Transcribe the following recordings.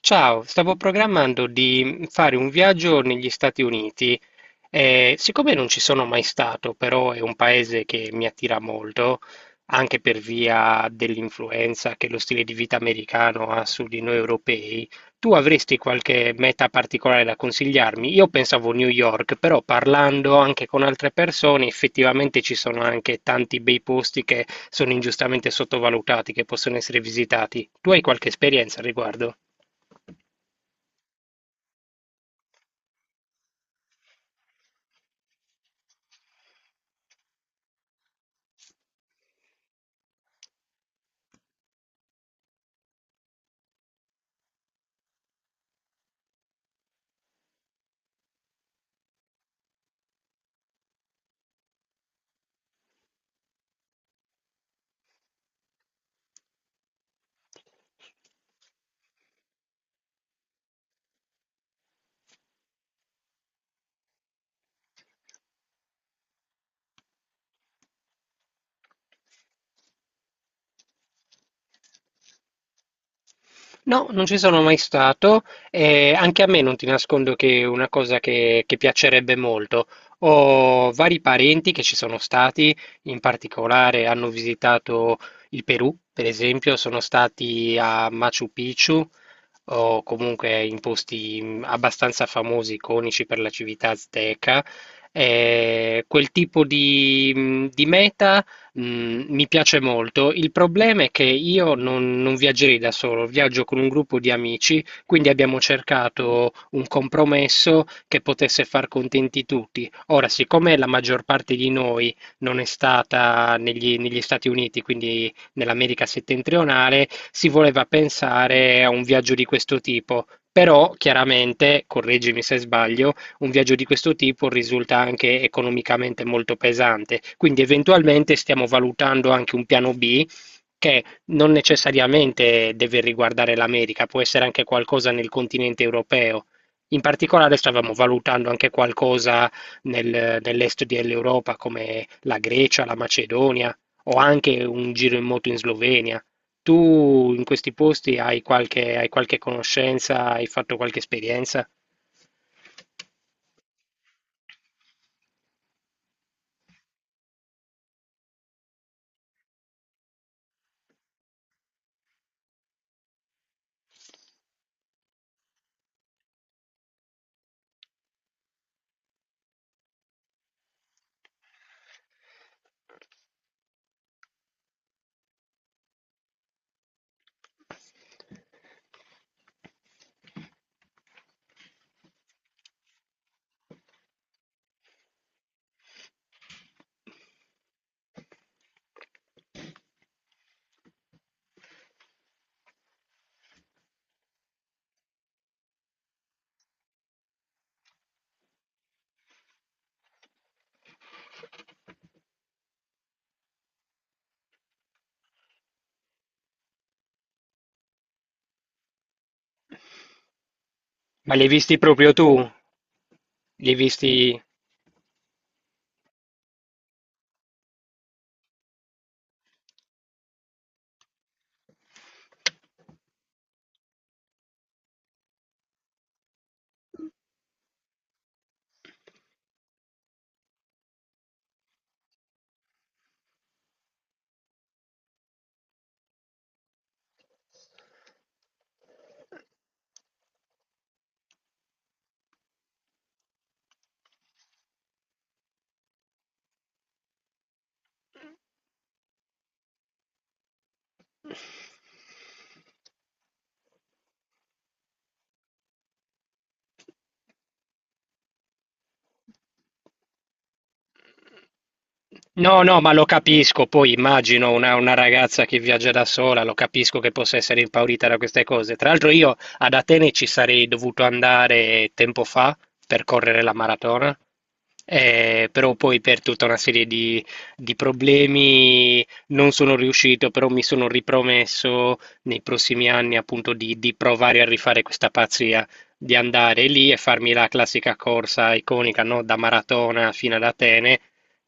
Ciao, stavo programmando di fare un viaggio negli Stati Uniti. Siccome non ci sono mai stato, però è un paese che mi attira molto, anche per via dell'influenza che lo stile di vita americano ha su di noi europei, tu avresti qualche meta particolare da consigliarmi? Io pensavo New York, però parlando anche con altre persone, effettivamente ci sono anche tanti bei posti che sono ingiustamente sottovalutati, che possono essere visitati. Tu hai qualche esperienza al riguardo? No, non ci sono mai stato e anche a me non ti nascondo che è una cosa che piacerebbe molto. Ho vari parenti che ci sono stati, in particolare hanno visitato il Perù, per esempio, sono stati a Machu Picchu o comunque in posti abbastanza famosi, iconici per la civiltà azteca. E quel tipo di meta Mhmm, mi piace molto. Il problema è che io non viaggerei da solo, viaggio con un gruppo di amici, quindi abbiamo cercato un compromesso che potesse far contenti tutti. Ora, siccome la maggior parte di noi non è stata negli Stati Uniti, quindi nell'America settentrionale, si voleva pensare a un viaggio di questo tipo. Però chiaramente, correggimi se sbaglio, un viaggio di questo tipo risulta anche economicamente molto pesante. Quindi eventualmente stiamo valutando anche un piano B che non necessariamente deve riguardare l'America, può essere anche qualcosa nel continente europeo. In particolare stavamo valutando anche qualcosa nell'est dell'Europa, come la Grecia, la Macedonia o anche un giro in moto in Slovenia. Tu in questi posti hai hai qualche conoscenza, hai fatto qualche esperienza? Ma li hai visti proprio tu? Li hai visti... No, no, ma lo capisco, poi immagino una ragazza che viaggia da sola, lo capisco che possa essere impaurita da queste cose. Tra l'altro io ad Atene ci sarei dovuto andare tempo fa per correre la maratona, però poi per tutta una serie di problemi non sono riuscito, però mi sono ripromesso nei prossimi anni appunto di provare a rifare questa pazzia, di andare lì e farmi la classica corsa iconica, no? Da maratona fino ad Atene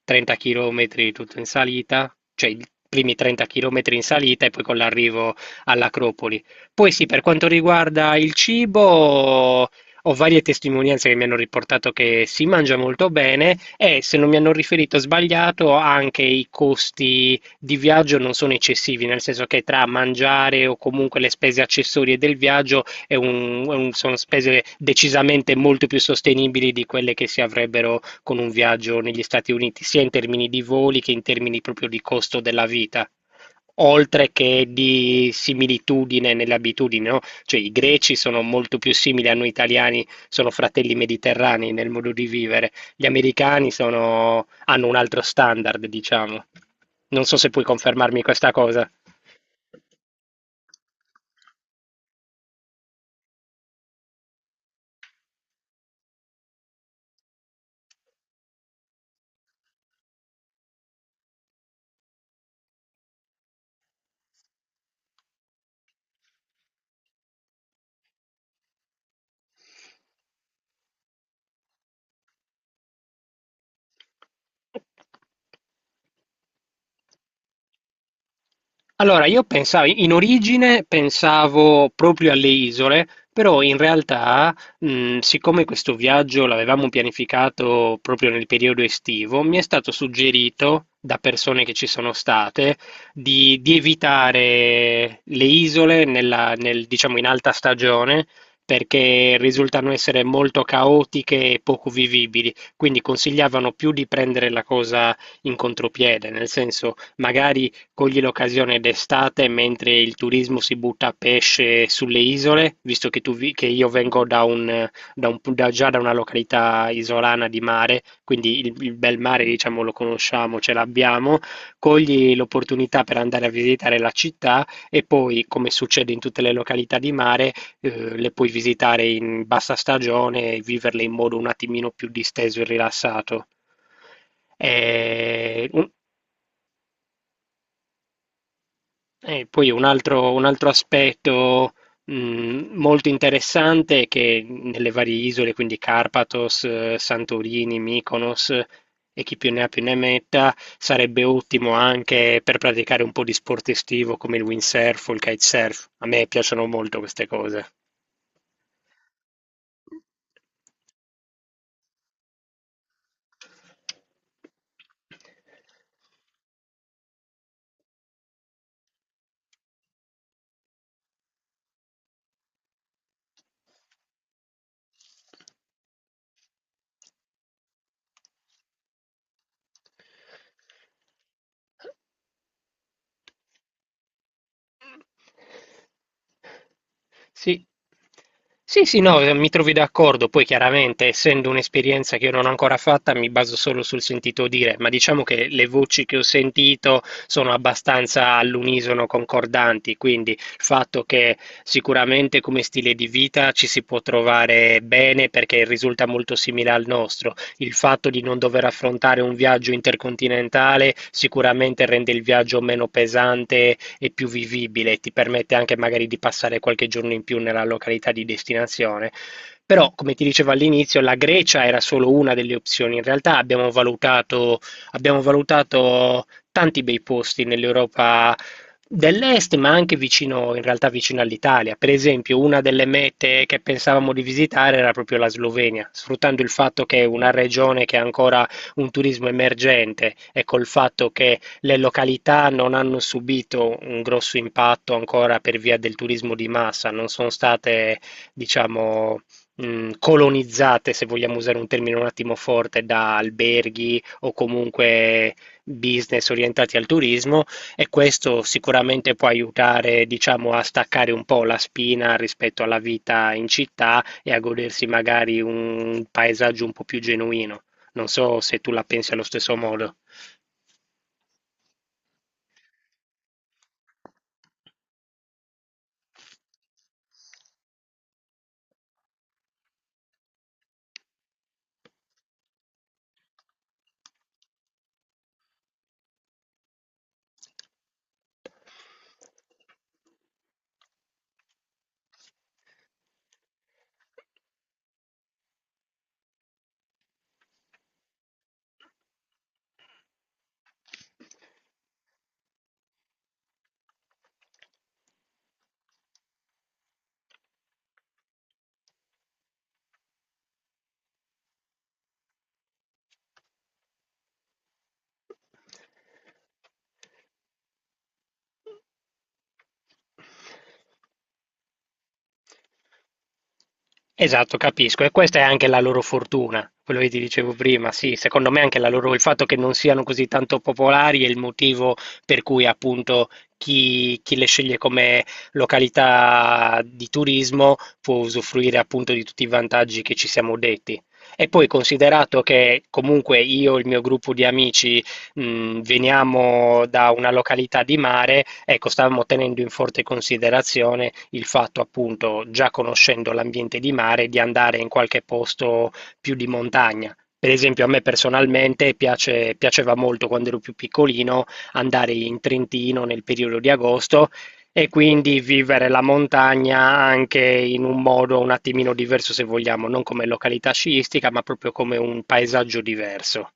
30 chilometri tutto in salita, cioè i primi 30 chilometri in salita e poi con l'arrivo all'Acropoli. Poi sì, per quanto riguarda il cibo, ho varie testimonianze che mi hanno riportato che si mangia molto bene e se non mi hanno riferito sbagliato, anche i costi di viaggio non sono eccessivi, nel senso che tra mangiare o comunque le spese accessorie del viaggio sono spese decisamente molto più sostenibili di quelle che si avrebbero con un viaggio negli Stati Uniti, sia in termini di voli che in termini proprio di costo della vita, oltre che di similitudine nelle abitudini, no? Cioè i greci sono molto più simili a noi italiani, sono fratelli mediterranei nel modo di vivere, hanno un altro standard, diciamo. Non so se puoi confermarmi questa cosa. Allora, io pensavo, in origine pensavo proprio alle isole, però in realtà, siccome questo viaggio l'avevamo pianificato proprio nel periodo estivo, mi è stato suggerito da persone che ci sono state di evitare le isole diciamo in alta stagione perché risultano essere molto caotiche e poco vivibili, quindi consigliavano più di prendere la cosa in contropiede, nel senso magari coglie l'occasione d'estate mentre il turismo si butta a pesce sulle isole, visto che, che io vengo già da una località isolana di mare, quindi il bel mare, diciamo, lo conosciamo, ce l'abbiamo. Cogli l'opportunità per andare a visitare la città e poi, come succede in tutte le località di mare, le puoi visitare in bassa stagione e viverle in modo un attimino più disteso e rilassato. Eh, un- E poi un altro aspetto mh, molto interessante è che nelle varie isole, quindi Carpathos, Santorini, Mykonos, e chi più ne ha più ne metta, sarebbe ottimo anche per praticare un po' di sport estivo come il windsurf o il kitesurf. A me piacciono molto queste cose. Sì. Sì, sì, no, mi trovi d'accordo. Poi chiaramente, essendo un'esperienza che io non ho ancora fatta, mi baso solo sul sentito dire, ma diciamo che le voci che ho sentito sono abbastanza all'unisono concordanti, quindi il fatto che sicuramente come stile di vita ci si può trovare bene perché risulta molto simile al nostro. Il fatto di non dover affrontare un viaggio intercontinentale sicuramente rende il viaggio meno pesante è più vivibile, e ti permette anche magari di passare qualche giorno in più nella località di destinazione. Però, come ti dicevo all'inizio, la Grecia era solo una delle opzioni. In realtà abbiamo valutato tanti bei posti nell'Europa dell'est, ma anche vicino, in realtà vicino all'Italia. Per esempio, una delle mete che pensavamo di visitare era proprio la Slovenia, sfruttando il fatto che è una regione che ha ancora un turismo emergente e col fatto che le località non hanno subito un grosso impatto ancora per via del turismo di massa, non sono state, diciamo, colonizzate, se vogliamo usare un termine un attimo forte, da alberghi o comunque business orientati al turismo e questo sicuramente può aiutare, diciamo, a staccare un po' la spina rispetto alla vita in città e a godersi magari un paesaggio un po' più genuino. Non so se tu la pensi allo stesso modo. Esatto, capisco. E questa è anche la loro fortuna, quello che ti dicevo prima. Sì, secondo me anche la loro, il fatto che non siano così tanto popolari è il motivo per cui appunto chi le sceglie come località di turismo può usufruire appunto di tutti i vantaggi che ci siamo detti. E poi considerato che comunque io e il mio gruppo di amici veniamo da una località di mare, ecco, stavamo tenendo in forte considerazione il fatto, appunto, già conoscendo l'ambiente di mare, di andare in qualche posto più di montagna. Per esempio, a me personalmente piaceva molto quando ero più piccolino andare in Trentino nel periodo di agosto e quindi vivere la montagna anche in un modo un attimino diverso, se vogliamo, non come località sciistica, ma proprio come un paesaggio diverso.